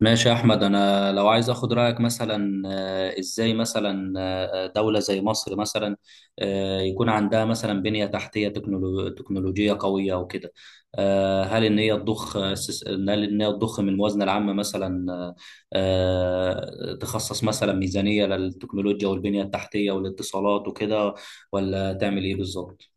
ماشي يا احمد، انا لو عايز اخد رايك مثلا ازاي مثلا دوله زي مصر مثلا يكون عندها مثلا بنيه تحتيه تكنولوجيه قويه وكده. هل ان هي هل ان هي تضخ من الموازنه العامه مثلا، تخصص مثلا ميزانيه للتكنولوجيا والبنيه التحتيه والاتصالات وكده، ولا تعمل ايه بالظبط؟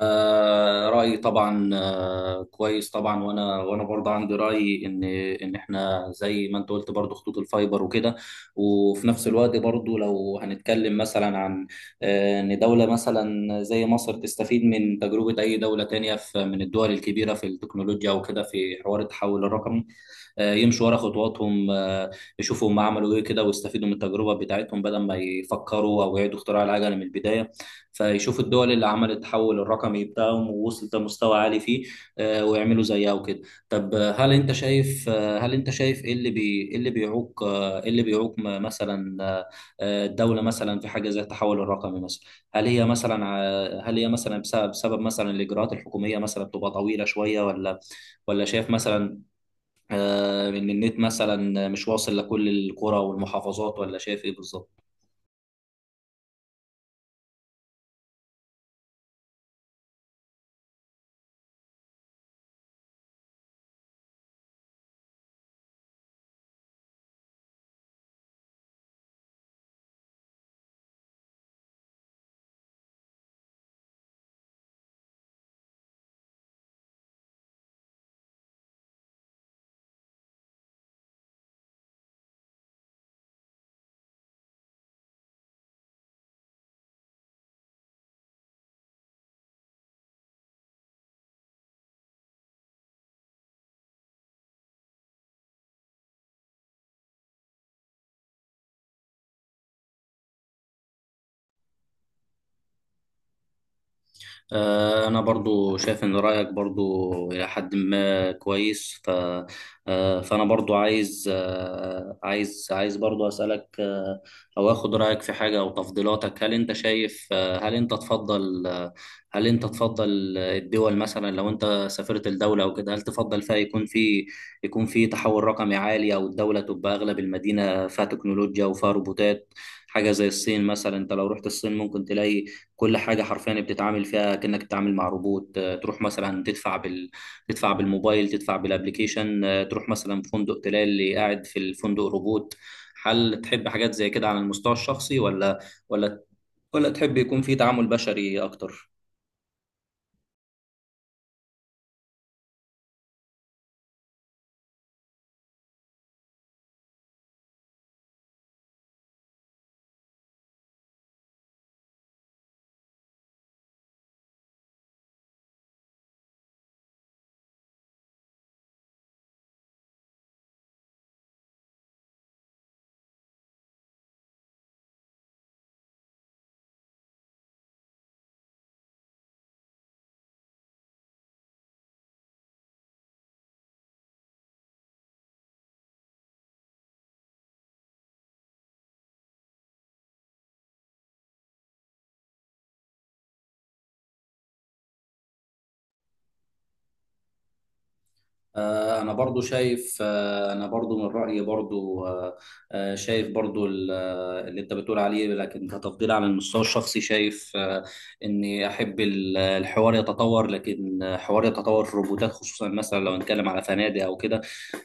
رأيي طبعا كويس طبعا. وانا برضه عندي رأي ان احنا زي ما انت قلت برضه خطوط الفايبر وكده، وفي نفس الوقت برضه لو هنتكلم مثلا عن ان دولة مثلا زي مصر تستفيد من تجربة اي دولة تانية في من الدول الكبيرة في التكنولوجيا وكده في حوار التحول الرقمي. يمشوا ورا خطواتهم، يشوفوا هم عملوا ايه كده، ويستفيدوا من التجربة بتاعتهم بدل ما يفكروا او يعيدوا اختراع العجلة من البداية، فيشوفوا الدول اللي عملت التحول الرقمي بتاعهم ووصلت لمستوى عالي فيه، ويعملوا زيها وكده. طب هل انت شايف ايه اللي بيعوق مثلا الدولة مثلا في حاجة زي التحول الرقمي مثلا؟ هل هي مثلا بسبب مثلا الإجراءات الحكومية مثلا بتبقى طويلة شوية، ولا شايف مثلا ان النت مثلا مش واصل لكل القرى والمحافظات، ولا شايف ايه بالظبط؟ أنا برضو شايف إن رأيك برضو إلى حد ما كويس. فأنا برضو عايز عايز برضو أسألك، أو أخد رأيك في حاجة أو تفضيلاتك. هل أنت تفضل الدول مثلا، لو أنت سافرت الدولة أو كده، هل تفضل فيها يكون في تحول رقمي عالي، أو الدولة تبقى أغلب المدينة فيها تكنولوجيا وفيها روبوتات، حاجة زي الصين مثلا؟ أنت لو رحت الصين ممكن تلاقي كل حاجة حرفيا بتتعامل فيها كأنك بتتعامل مع روبوت. تروح مثلا تدفع بالموبايل، تدفع بالابليكيشن، تروح مثلا في فندق تلاقي اللي قاعد في الفندق روبوت. هل تحب حاجات زي كده على المستوى الشخصي، ولا ولا تحب يكون في تعامل بشري أكتر؟ انا برضو من رايي برضو، شايف برضو اللي انت بتقول عليه، لكن كتفضيل على المستوى الشخصي شايف اني احب الحوار يتطور، لكن حوار يتطور في الروبوتات خصوصا مثلا لو نتكلم على فنادق او كده.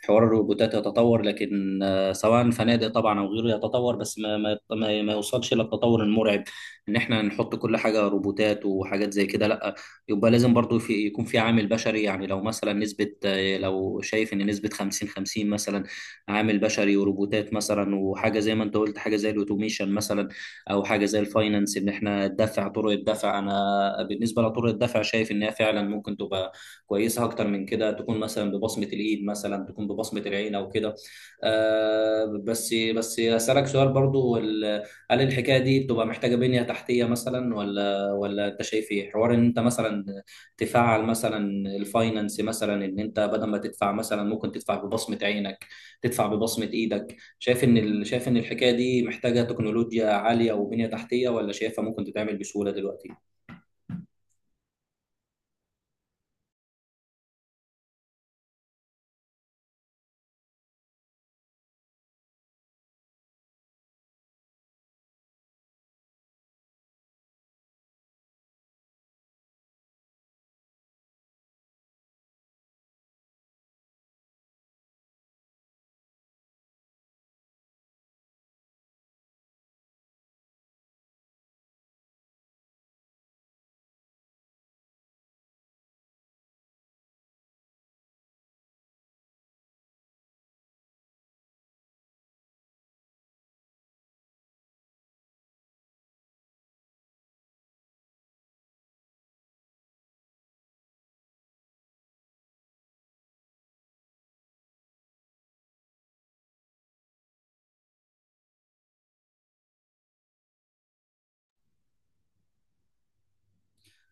حوار الروبوتات يتطور، لكن سواء فنادق طبعا او غيره يتطور بس ما يوصلش للتطور المرعب، ان احنا نحط كل حاجه روبوتات وحاجات زي كده. لا، يبقى لازم برضو يكون في عامل بشري. يعني لو مثلا نسبة آه، لو شايف ان نسبة 50 50 مثلا، عامل بشري وروبوتات مثلا، وحاجة زي ما انت قلت، حاجة زي الاوتوميشن مثلا، او حاجة زي الفاينانس ان احنا ندفع طرق الدفع. انا بالنسبة لطرق الدفع شايف انها فعلا ممكن تبقى كويسة اكتر من كده، تكون مثلا ببصمة الايد، مثلا تكون ببصمة العين او كده. بس اسالك سؤال برضو: هل الحكاية دي بتبقى محتاجة بنية تحتية مثلا، ولا انت شايف ايه حوار ان انت مثلا تفعل مثلا الفاينانس مثلا؟ ان انت بدل ما تدفع، مثلا ممكن تدفع ببصمة عينك، تدفع ببصمة ايدك. شايف ان الحكاية دي محتاجة تكنولوجيا عالية وبنية تحتية، ولا شايفها ممكن تتعمل بسهولة دلوقتي؟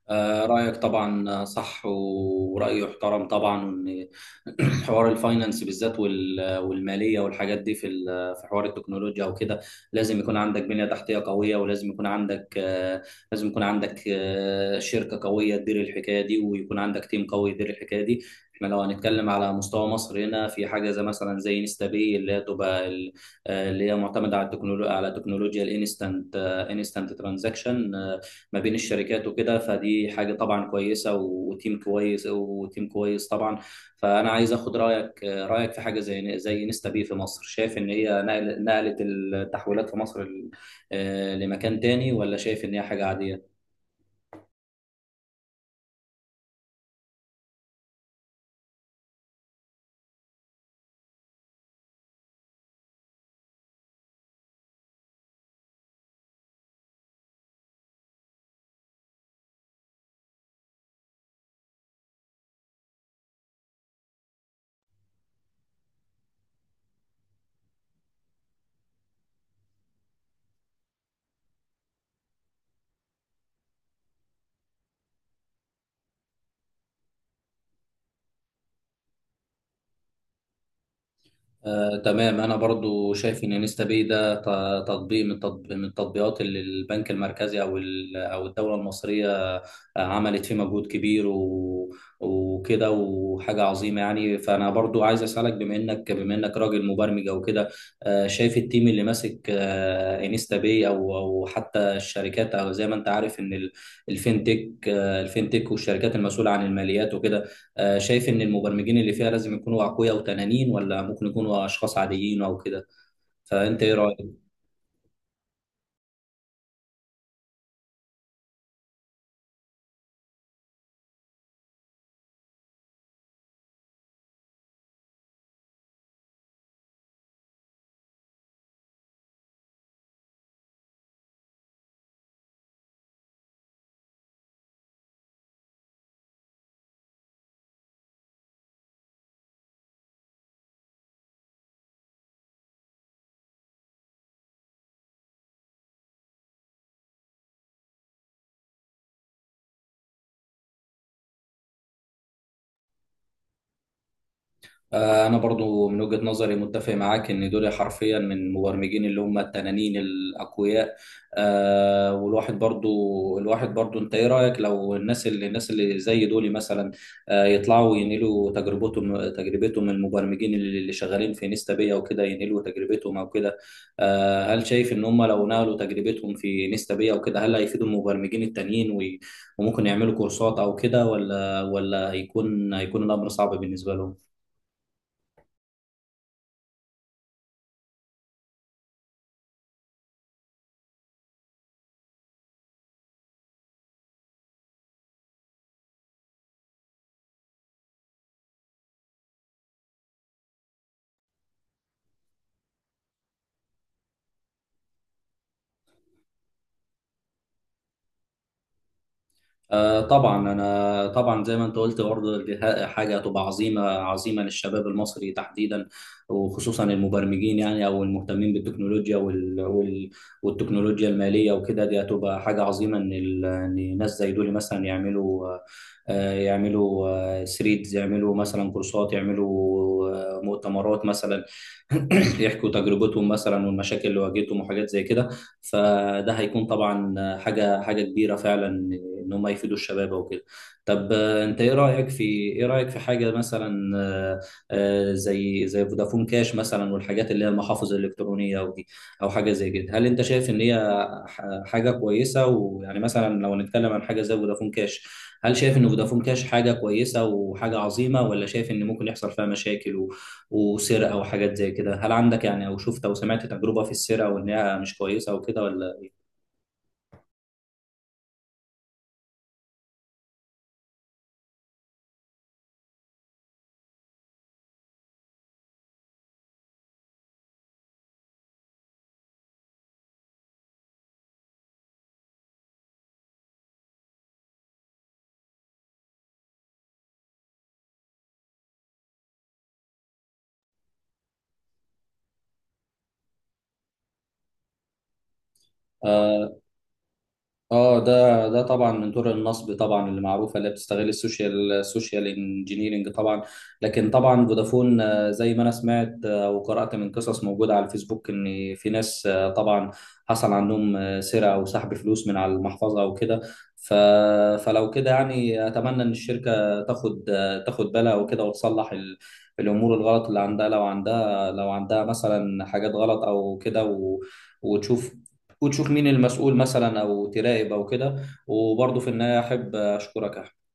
رأيك طبعا صح، ورأيي احترم طبعا. حوار الفاينانس بالذات، والماليه والحاجات دي في حوار التكنولوجيا وكده، لازم يكون عندك بنيه تحتيه قويه، ولازم يكون عندك شركه قويه تدير الحكايه دي، ويكون عندك تيم قوي يدير الحكايه دي. احنا لو هنتكلم على مستوى مصر، هنا في حاجه زي مثلا زي انستا باي، اللي هي تبقى اللي هي معتمده على التكنولوجيا، على تكنولوجيا انستنت ترانزاكشن، ما بين الشركات وكده. فدي حاجه طبعا كويسه وتيم كويس طبعا. فانا عايز اخد رايك في حاجه زي نستا بي في مصر. شايف ان هي نقلت التحويلات في مصر لمكان تاني، ولا شايف ان هي حاجه عاديه؟ تمام. انا برضو شايف ان انستا باي ده تطبيق من التطبيقات اللي البنك المركزي او الدوله المصريه عملت فيه مجهود كبير وكده، وحاجه عظيمه يعني. فانا برضو عايز اسالك، بما انك راجل مبرمج او كده، شايف التيم اللي ماسك انستا باي، او حتى الشركات، او زي ما انت عارف ان الفينتك والشركات المسؤوله عن الماليات وكده، شايف ان المبرمجين اللي فيها لازم يكونوا اقوياء وتنانين، ولا ممكن يكونوا اشخاص عاديين او كده؟ فانت ايه رايك؟ أنا برضو من وجهة نظري متفق معاك إن دول حرفيا من المبرمجين اللي هم التنانين الأقوياء. آه، والواحد برضو الواحد برضو، أنت إيه رأيك لو الناس اللي زي دول مثلا يطلعوا ينقلوا تجربتهم، المبرمجين اللي شغالين في نيستا بيا وكده، ينقلوا تجربتهم أو كده؟ هل شايف إن هم لو نقلوا تجربتهم في نيستا بيا وكده، هل هيفيدوا المبرمجين التانيين، وممكن يعملوا كورسات أو كده، ولا هيكون الأمر صعب بالنسبة لهم؟ طبعا، انا طبعا زي ما انت قلت برضه، دي حاجه هتبقى عظيمه عظيمه للشباب المصري تحديدا، وخصوصا المبرمجين يعني، او المهتمين بالتكنولوجيا والتكنولوجيا الماليه وكده. دي هتبقى حاجه عظيمه ان ان ناس زي دول مثلا يعملوا ثريدز، يعملوا مثلا كورسات، يعملوا مؤتمرات مثلا. يحكوا تجربتهم مثلا، والمشاكل اللي واجهتهم وحاجات زي كده. فده هيكون طبعا حاجه كبيره فعلا، ان هم يفيدوا الشباب او كده. طب انت ايه رايك في حاجه مثلا زي فودافون كاش مثلا، والحاجات اللي هي المحافظ الالكترونيه او دي، او حاجه زي كده. هل انت شايف ان هي حاجه كويسه؟ ويعني مثلا لو نتكلم عن حاجه زي فودافون كاش، هل شايف ان فودافون كاش حاجه كويسه وحاجه عظيمه، ولا شايف ان ممكن يحصل فيها مشاكل وسرقه وحاجات زي كده؟ هل عندك يعني، او شفت او سمعت تجربه في السرقه وان هي مش كويسه وكده ولا؟ آه، ده طبعا من طرق النصب طبعا اللي معروفه، اللي بتستغل السوشيال، انجينيرنج طبعا. لكن طبعا فودافون زي ما انا سمعت وقرات من قصص موجوده على الفيسبوك ان في ناس طبعا حصل عندهم سرقه او سحب فلوس من على المحفظه او كده. ف... فلو كده يعني، اتمنى ان الشركه تاخد، بالها وكده، وتصلح الامور الغلط اللي عندها، لو عندها، مثلا حاجات غلط او كده وتشوف وتشوف مين المسؤول مثلا، او تراقب او كده. وبرضه في النهايه احب اشكرك يا أحمد.